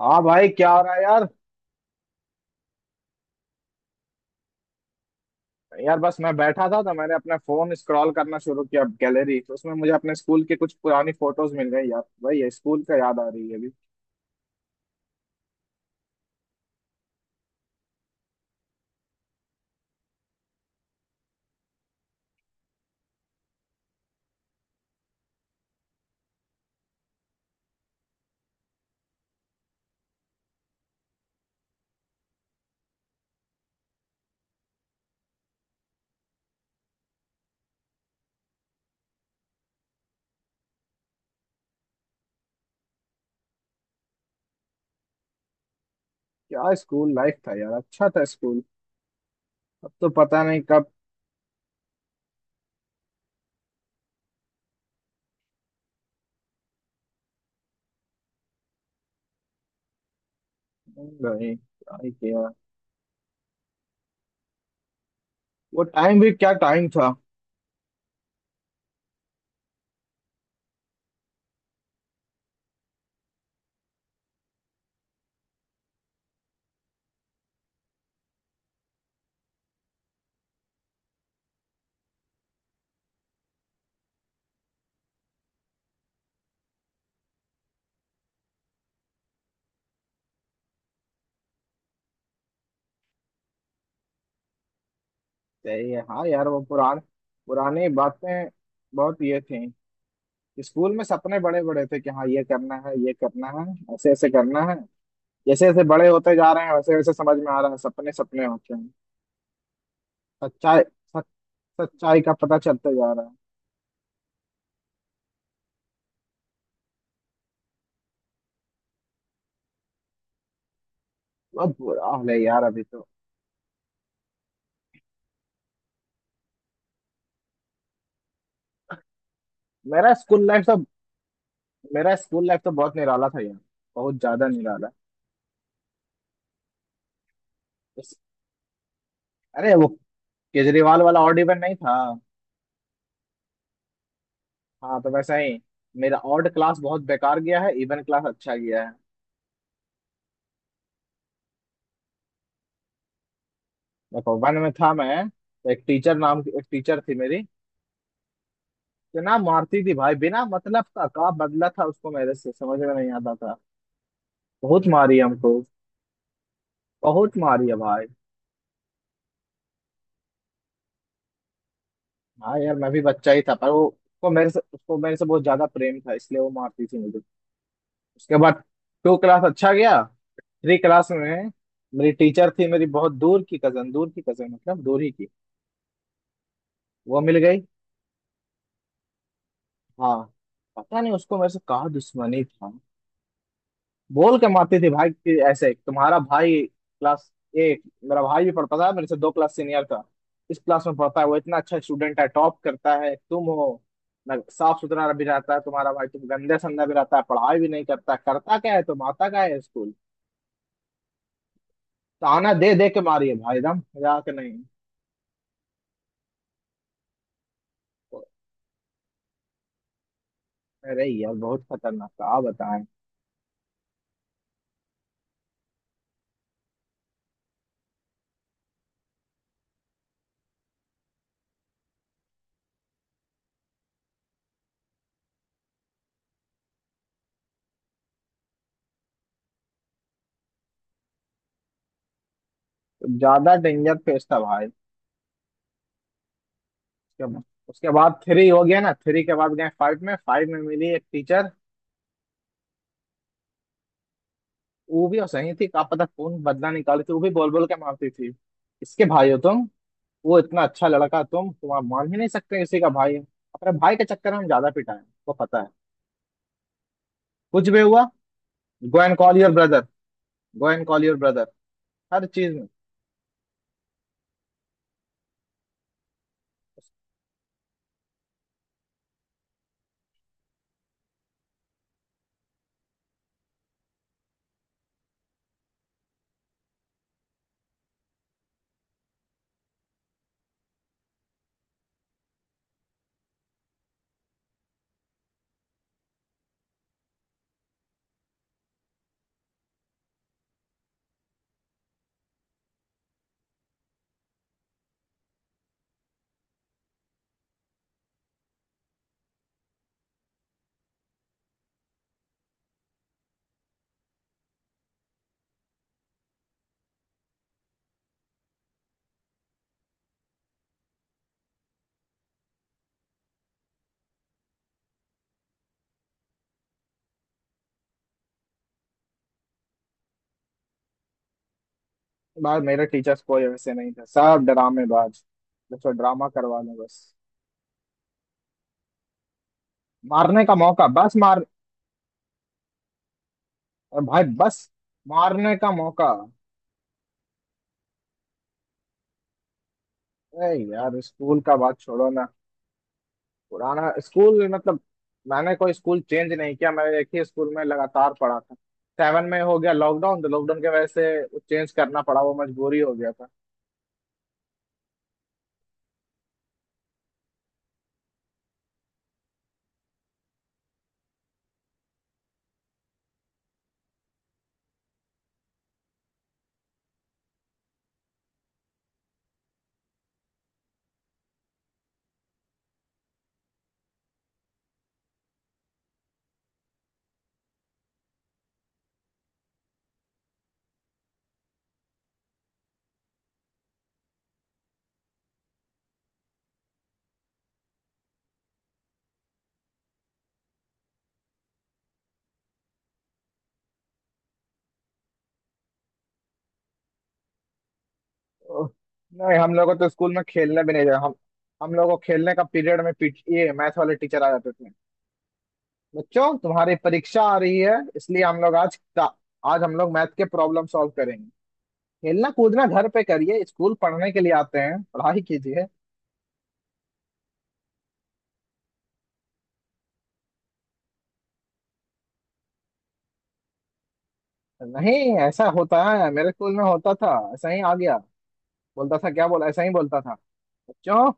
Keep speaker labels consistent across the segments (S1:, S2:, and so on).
S1: हाँ भाई, क्या हो रहा है यार। यार बस मैं बैठा था तो मैंने अपना फोन स्क्रॉल करना शुरू किया, गैलरी। तो उसमें मुझे अपने स्कूल की कुछ पुरानी फोटोज मिल गई यार। भाई ये स्कूल का याद आ रही है अभी। क्या स्कूल लाइफ था यार, अच्छा था स्कूल। अब तो पता नहीं कब गए, क्या ही किया। वो टाइम भी क्या टाइम था। सही है। हाँ यार, वो पुरानी बातें बहुत ये थी। स्कूल में सपने बड़े बड़े थे कि हाँ ये करना है, ये करना है, ऐसे ऐसे करना है। जैसे जैसे बड़े होते जा रहे हैं वैसे वैसे समझ में आ रहा है, सपने सपने होते हैं। सच्चाई सच, सच्चाई का पता चलता जा रहा है। बहुत बुरा हाल है यार अभी तो। मेरा स्कूल लाइफ तो मेरा स्कूल लाइफ तो बहुत निराला था यार। बहुत ज्यादा निराला। इस- अरे वो केजरीवाल वाला ऑड इवन नहीं था। हाँ तो वैसा ही, मेरा ऑड क्लास बहुत बेकार गया है, इवन क्लास अच्छा गया है। देखो, 1 में था मैं, तो एक टीचर, नाम की एक टीचर थी मेरी। तो ना मारती थी भाई, बिना मतलब का बदला था उसको मेरे से, समझ में नहीं आता था। बहुत मारी हमको। बहुत मारी है भाई। हाँ यार, मैं भी बच्चा ही था, पर वो उसको मेरे से बहुत ज्यादा प्रेम था इसलिए वो मारती थी मुझे। उसके बाद क्लास 2 अच्छा गया। क्लास 3 में मेरी टीचर थी, मेरी बहुत दूर की कजन, दूर की कजन मतलब दूर ही की, वो मिल गई। हाँ, पता नहीं उसको मेरे से कहाँ दुश्मनी था। बोल के मारती थी भाई कि ऐसे तुम्हारा भाई क्लास 8, मेरा भाई भी पढ़ता था, मेरे से 2 क्लास सीनियर था, इस क्लास में पढ़ता है, वो इतना अच्छा स्टूडेंट है, टॉप करता है, तुम हो ना। साफ सुथरा भी रहता है तुम्हारा भाई, तुम गंदे संदे भी रहता है, पढ़ाई भी नहीं करता, करता क्या है तुम, आता क्या है स्कूल। ताना दे दे के मारी है भाई, एकदम, मजाक नहीं। अरे यार बहुत खतरनाक था, आप बताएं। ज्यादा डेंजर फेस था भाई। उसके उसके बाद 3 हो गया ना, 3 के बाद गए 5 में। 5 में मिली एक टीचर, वो भी सही थी, का पता कौन बदला निकाली थी, वो भी बोल बोल के मारती थी। इसके भाई हो तुम, वो इतना अच्छा लड़का, तुम तो आप मान ही नहीं सकते किसी का भाई है। अपने भाई के चक्कर में हम ज्यादा पिटा है, वो पता है। कुछ भी हुआ, go and call your brother, go and call your brother, हर चीज में। बाहर मेरे टीचर्स कोई वैसे नहीं थे, सब ड्रामेबाज। बस वो ड्रामा करवा लें बस, मारने का मौका, बस मार। और भाई बस, मारने का मौका। अरे यार स्कूल का बात छोड़ो ना। पुराना स्कूल मतलब, मैंने कोई स्कूल चेंज नहीं किया, मैं एक ही स्कूल में लगातार पढ़ा था। 7 में हो गया लॉकडाउन, तो लॉकडाउन के वजह से चेंज करना पड़ा, वो मजबूरी हो गया था। तो, नहीं हम लोगों को तो स्कूल में खेलने भी नहीं जाए हम। हम लोगों को खेलने का पीरियड में ये मैथ वाले टीचर आ जाते थे। बच्चों तुम्हारी परीक्षा आ रही है इसलिए हम लोग आज, आज हम लोग मैथ के प्रॉब्लम सॉल्व करेंगे। खेलना कूदना घर पे करिए, स्कूल पढ़ने के लिए आते हैं, पढ़ाई कीजिए। नहीं ऐसा होता है, मेरे स्कूल में होता था ऐसा ही, आ गया बोलता था, क्या बोला, ऐसा ही बोलता था। बच्चों,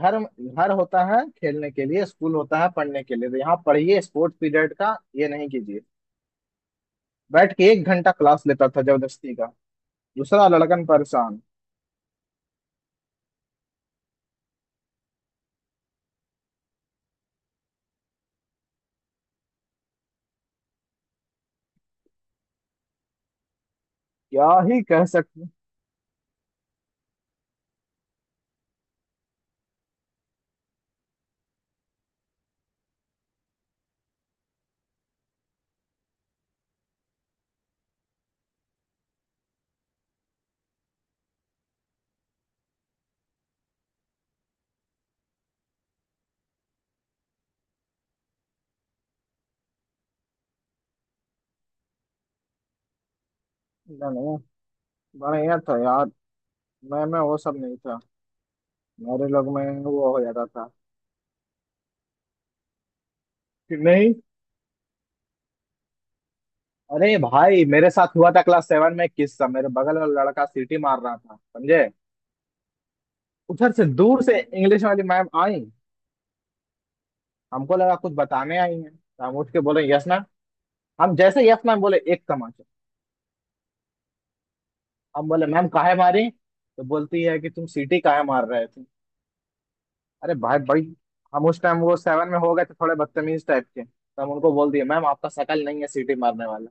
S1: घर घर होता है खेलने के लिए, स्कूल होता है पढ़ने के लिए, तो यहाँ पढ़िए, स्पोर्ट्स पीरियड का ये नहीं कीजिए। बैठ के 1 घंटा क्लास लेता था जबरदस्ती का। दूसरा लड़कन परेशान। क्या ही कह सकते। नहीं नहीं, बढ़िया था यार। मैं वो सब नहीं था, मेरे लोग में वो हो जाता था कि नहीं। अरे भाई, मेरे साथ हुआ था क्लास 7 में एक किस्सा। मेरे बगल वाला लड़का सीटी मार रहा था, समझे। उधर से दूर से इंग्लिश वाली मैम आई, हमको लगा कुछ बताने आई हैं तो हम उठ के बोले यस मैम। हम जैसे यस मैम बोले, एक तमाचा। हम बोले मैम काहे मारी, तो बोलती है कि तुम सीटी काहे मार रहे थे। अरे भाई भाई, हम उस टाइम वो 7 में हो गए थे, थोड़े बदतमीज टाइप के, तो हम उनको बोल दिए मैम आपका शकल नहीं है सीटी मारने वाला।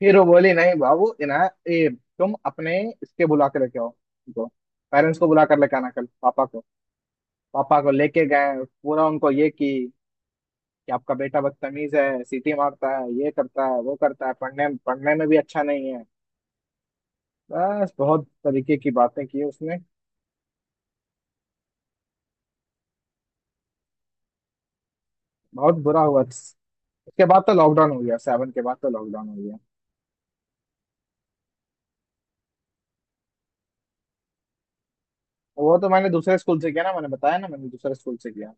S1: फिर वो बोली नहीं बाबू इना, ये तुम अपने इसके बुला के लेके आओ उनको, पेरेंट्स को बुला कर लेके आना कल, पापा को। पापा को लेके गए, पूरा उनको ये की, कि आपका बेटा बदतमीज है, सीटी मारता है, ये करता है, वो करता है, पढ़ने पढ़ने में भी अच्छा नहीं है, बस बहुत तरीके की बातें की उसने। बहुत बुरा हुआ। उसके बाद तो लॉकडाउन हो गया, 7 के बाद तो लॉकडाउन हो गया। वो तो मैंने दूसरे स्कूल से किया ना, मैंने बताया ना, मैंने दूसरे स्कूल से किया।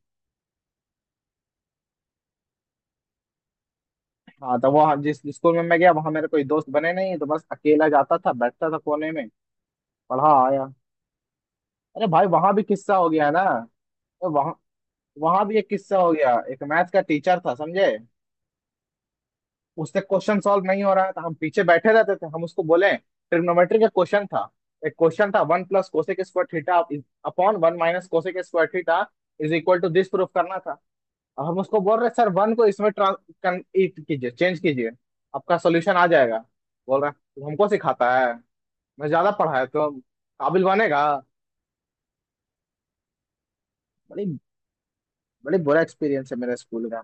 S1: हाँ, तो वो हम जिस स्कूल में मैं गया, वहां मेरे कोई दोस्त बने नहीं, तो बस अकेला जाता था, बैठता था कोने में, पढ़ा आया। अरे भाई वहां भी किस्सा हो गया ना। तो वहां वहां भी एक किस्सा हो गया। एक मैथ्स का टीचर था, समझे। उससे क्वेश्चन सॉल्व नहीं हो रहा है तो हम पीछे बैठे रहते थे। हम उसको बोले, ट्रिग्नोमेट्री का क्वेश्चन था, एक क्वेश्चन था, one plus cosec square theta upon one minus cosec square theta is equal to this, proof करना था। अब हम उसको बोल रहे सर वन को इसमें it कीजिए, चेंज कीजिए, आपका सोल्यूशन आ जाएगा। बोल रहा, "तू हमको सिखाता है, मैं ज्यादा पढ़ा है तो काबिल बनेगा।" बड़ी बड़ी बुरा एक्सपीरियंस है मेरा स्कूल का।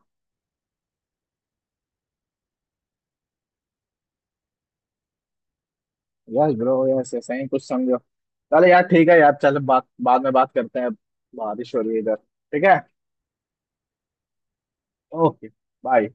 S1: यस ब्रो, यस, ऐसा ही कुछ समझो। चलो यार, ठीक है यार, चलो बात, बाद में बात करते हैं, बारिश हो रही है इधर, ठीक है। Okay bye.